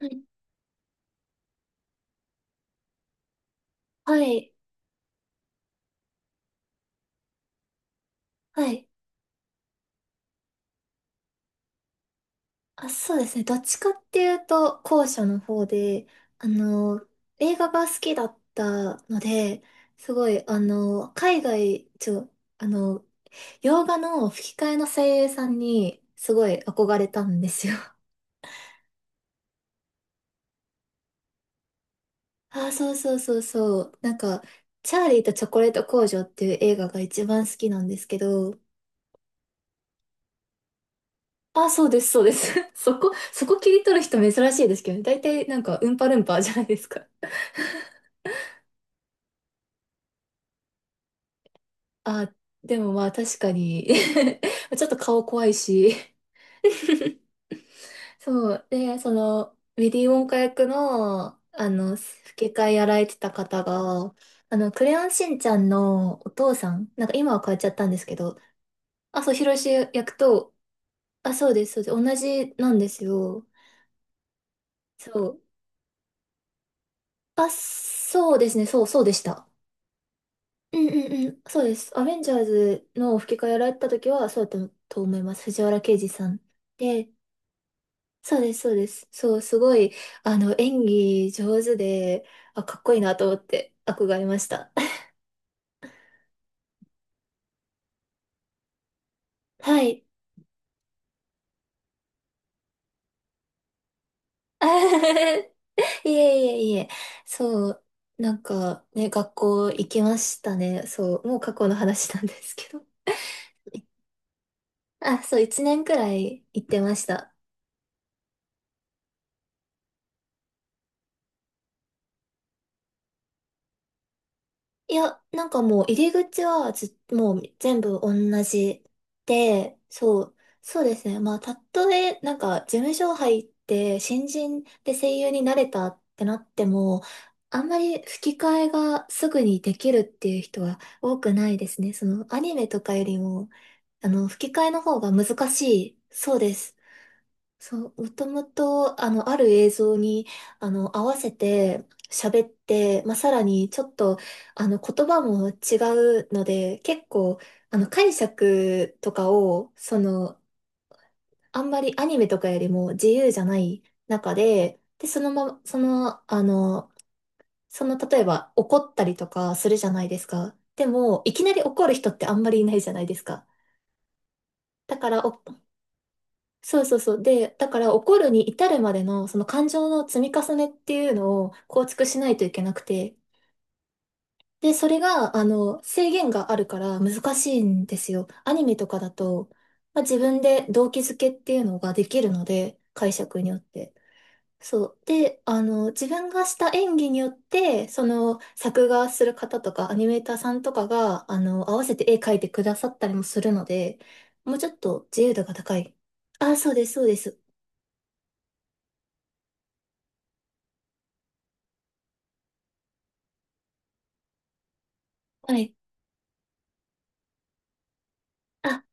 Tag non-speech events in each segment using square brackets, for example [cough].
はい。はい。はい。あ、そうですね。どっちかっていうと、後者の方で、あの、映画が好きだったので、すごい、海外、ちょ、あの、洋画の吹き替えの声優さんに、すごい憧れたんですよ。あー、そうそうそうそう。なんか、チャーリーとチョコレート工場っていう映画が一番好きなんですけど、あー、そうです、そうです。[laughs] そこ切り取る人珍しいですけどね。大体なんか、ウンパルンパじゃないですか。あ、でもまあ確かに [laughs] ちょっと顔怖いし [laughs] そう。で、その、ウィリー・ウォンカ役の、吹き替えやられてた方が、クレヨンしんちゃんのお父さん、なんか今は変えちゃったんですけど、あ、そう、ヒロシ役と、あ、そうです、そうです、同じなんですよ。そう。あ、そうですね、そう、そうでした。うんうんうん、そうです。アベンジャーズの吹き替えやられてた時は、そうだったと思います。藤原啓治さん。で、そうです、そうです。そう、すごい、演技上手で、あ、かっこいいなと思って憧れました。[laughs] はい。[laughs] いえいえいえ。そう、なんかね、学校行きましたね。そう、もう過去の話なんですけど。[laughs] あ、そう、一年くらい行ってました。いや、なんかもう入り口はず、もう全部同じで、そう、そうですね。まあ、たとえ、なんか事務所入って新人で声優になれたってなっても、あんまり吹き替えがすぐにできるっていう人は多くないですね。そのアニメとかよりも、吹き替えの方が難しい。そうです。そう、もともと、ある映像に、合わせて喋って、まあ、さらにちょっと、言葉も違うので、結構、解釈とかを、その、あんまりアニメとかよりも自由じゃない中で、で、そのまま、例えば怒ったりとかするじゃないですか。でも、いきなり怒る人ってあんまりいないじゃないですか。だから、そうそうそう。で、だから怒るに至るまでのその感情の積み重ねっていうのを構築しないといけなくて。で、それが、制限があるから難しいんですよ。アニメとかだと、まあ、自分で動機づけっていうのができるので、解釈によって。そう。で、自分がした演技によって、その、作画する方とか、アニメーターさんとかが、合わせて絵描いてくださったりもするので、もうちょっと自由度が高い。あ、そうです、そうです。はい。あ、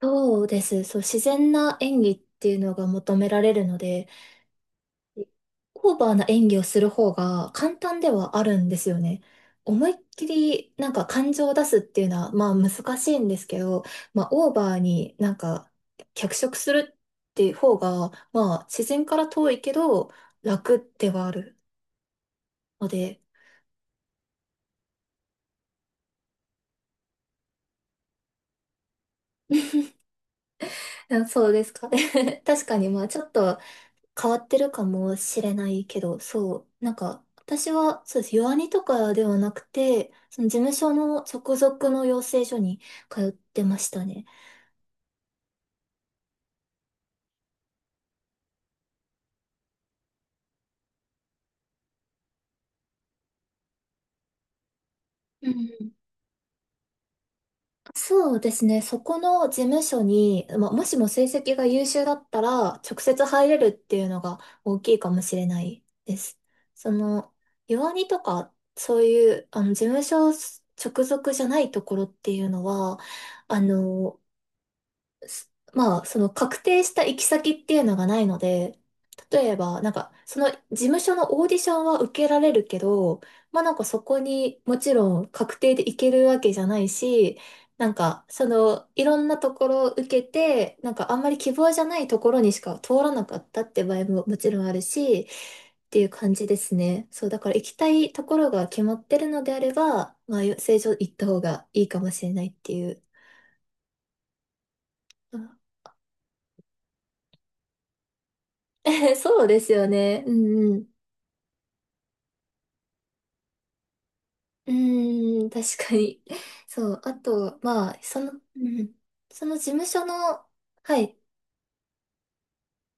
そうです。そう、自然な演技っていうのが求められるので、オーバーな演技をする方が簡単ではあるんですよね。思いっきりなんか感情を出すっていうのはまあ難しいんですけど、まあオーバーになんか脚色するっていう方がまあ自然から遠いけど楽ではあるので、あ、そうですかね。[laughs] 確かにまあちょっと変わってるかもしれないけど、そう、なんか、私は、そうです、弱アニとかではなくて、その事務所の直属の養成所に通ってましたね。うん。そうですね。そこの事務所に、まあ、もしも成績が優秀だったら、直接入れるっていうのが大きいかもしれないです。その、弱アニとか、そういう、事務所直属じゃないところっていうのは、あの、まあ、その確定した行き先っていうのがないので、例えば、なんか、その事務所のオーディションは受けられるけど、まあなんかそこにもちろん確定で行けるわけじゃないし、なんか、その、いろんなところを受けて、なんかあんまり希望じゃないところにしか通らなかったって場合ももちろんあるし、っていう感じですね。そう、だから行きたいところが決まってるのであれば、まあ、正常行った方がいいかもしれないっていう。[laughs] そうですよね。うんうん。うーん、確かに。そう。あと、まあ、その、うん。その事務所の、はい。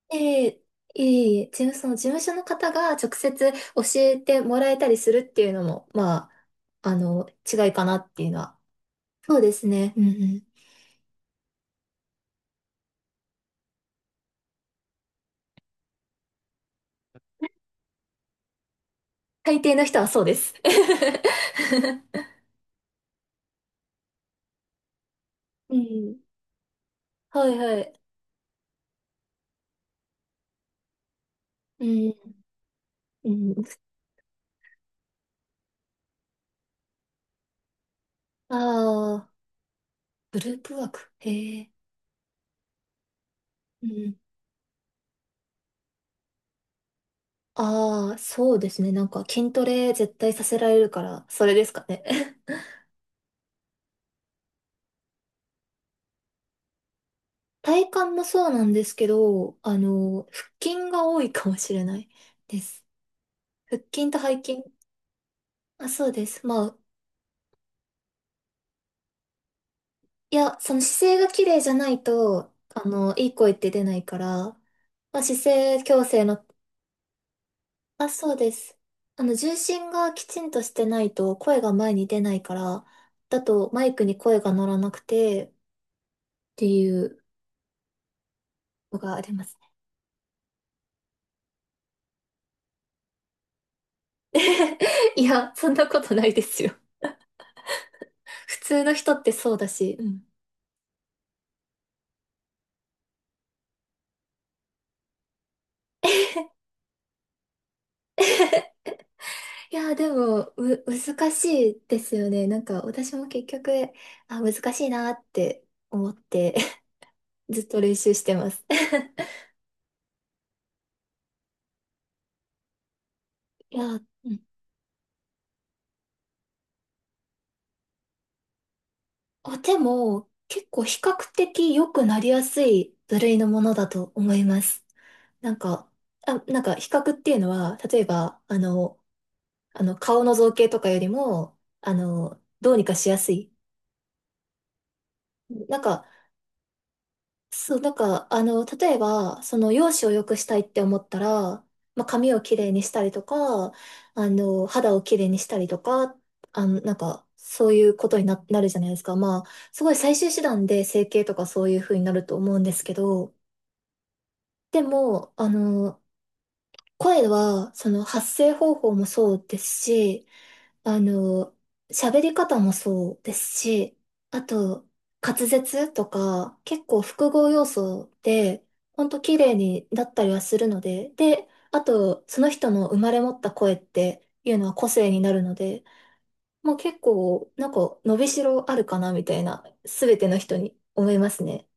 ええ、ええ、その事務所の方が直接教えてもらえたりするっていうのも、まあ、違いかなっていうのは。そうですね。うんうん。大抵の人はそうです。[laughs] うん。はいはい。うん。うん。ああ、グループワーク。へえ。うん。ああ、そうですね。なんか筋トレ絶対させられるから、それですかね。[laughs] 体幹もそうなんですけど、腹筋が多いかもしれないです。腹筋と背筋。あ、そうです。まあ、いや、その姿勢が綺麗じゃないと、いい声って出ないから、まあ、姿勢矯正の、あ、そうです。重心がきちんとしてないと声が前に出ないから、だとマイクに声が乗らなくてっていうのがあります。[laughs] いや、そんなことないですよ。普通の人ってそうだし。うん。 [laughs] いや、でも、難しいですよね。なんか、私も結局、あ、難しいなって思って [laughs] ずっと練習してます。[laughs] いや、うん。あ、でも、結構比較的良くなりやすい部類のものだと思います。なんか、あ、なんか比較っていうのは、例えば、顔の造形とかよりも、どうにかしやすい。なんか、そう、なんか、例えば、その、容姿を良くしたいって思ったら、まあ、髪をきれいにしたりとか、肌をきれいにしたりとか、なんか、そういうことになるじゃないですか。まあ、すごい最終手段で整形とかそういう風になると思うんですけど、でも、声は、その、発声方法もそうですし、あの、喋り方もそうですし、あと、滑舌とか、結構複合要素で、ほんと綺麗になったりはするので、で、あと、その人の生まれ持った声っていうのは個性になるので、もう結構、なんか、伸びしろあるかな、みたいな、すべての人に思いますね。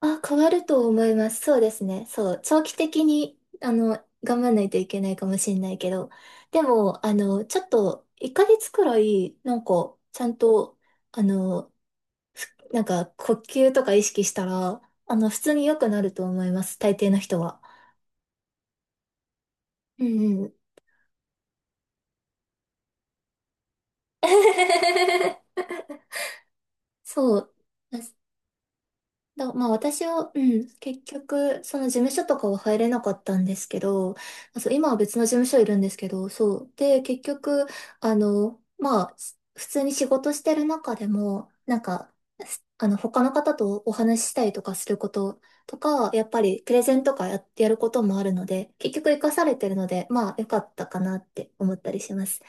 あ、変わると思います。そうですね。そう。長期的に、頑張らないといけないかもしれないけど。でも、ちょっと、1ヶ月くらい、なんか、ちゃんと、あの、なんか、呼吸とか意識したら、普通に良くなると思います。大抵の人は。うんうん。[laughs] そう。まあ私は、うん、結局、その事務所とかは入れなかったんですけど、あ、そう、今は別の事務所いるんですけど、そう。で、結局、まあ、普通に仕事してる中でも、なんか、すあの、他の方とお話ししたりとかすることとか、やっぱりプレゼンとかやることもあるので、結局活かされてるので、まあ、良かったかなって思ったりします。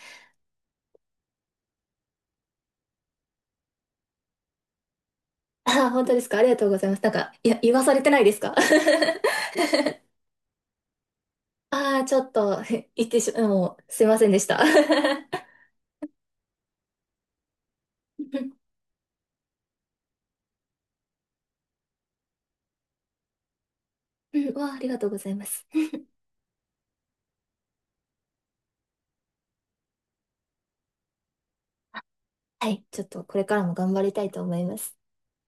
[laughs] あー、本当ですか。ありがとうございます。なんか、いや、言わされてないですか [laughs] ああ、ちょっと、言ってしまもう、すいませんでした。[laughs] うん、[laughs] うん、わあ、ありがとうございます。はい、ちょっとこれからも頑張りたいと思います。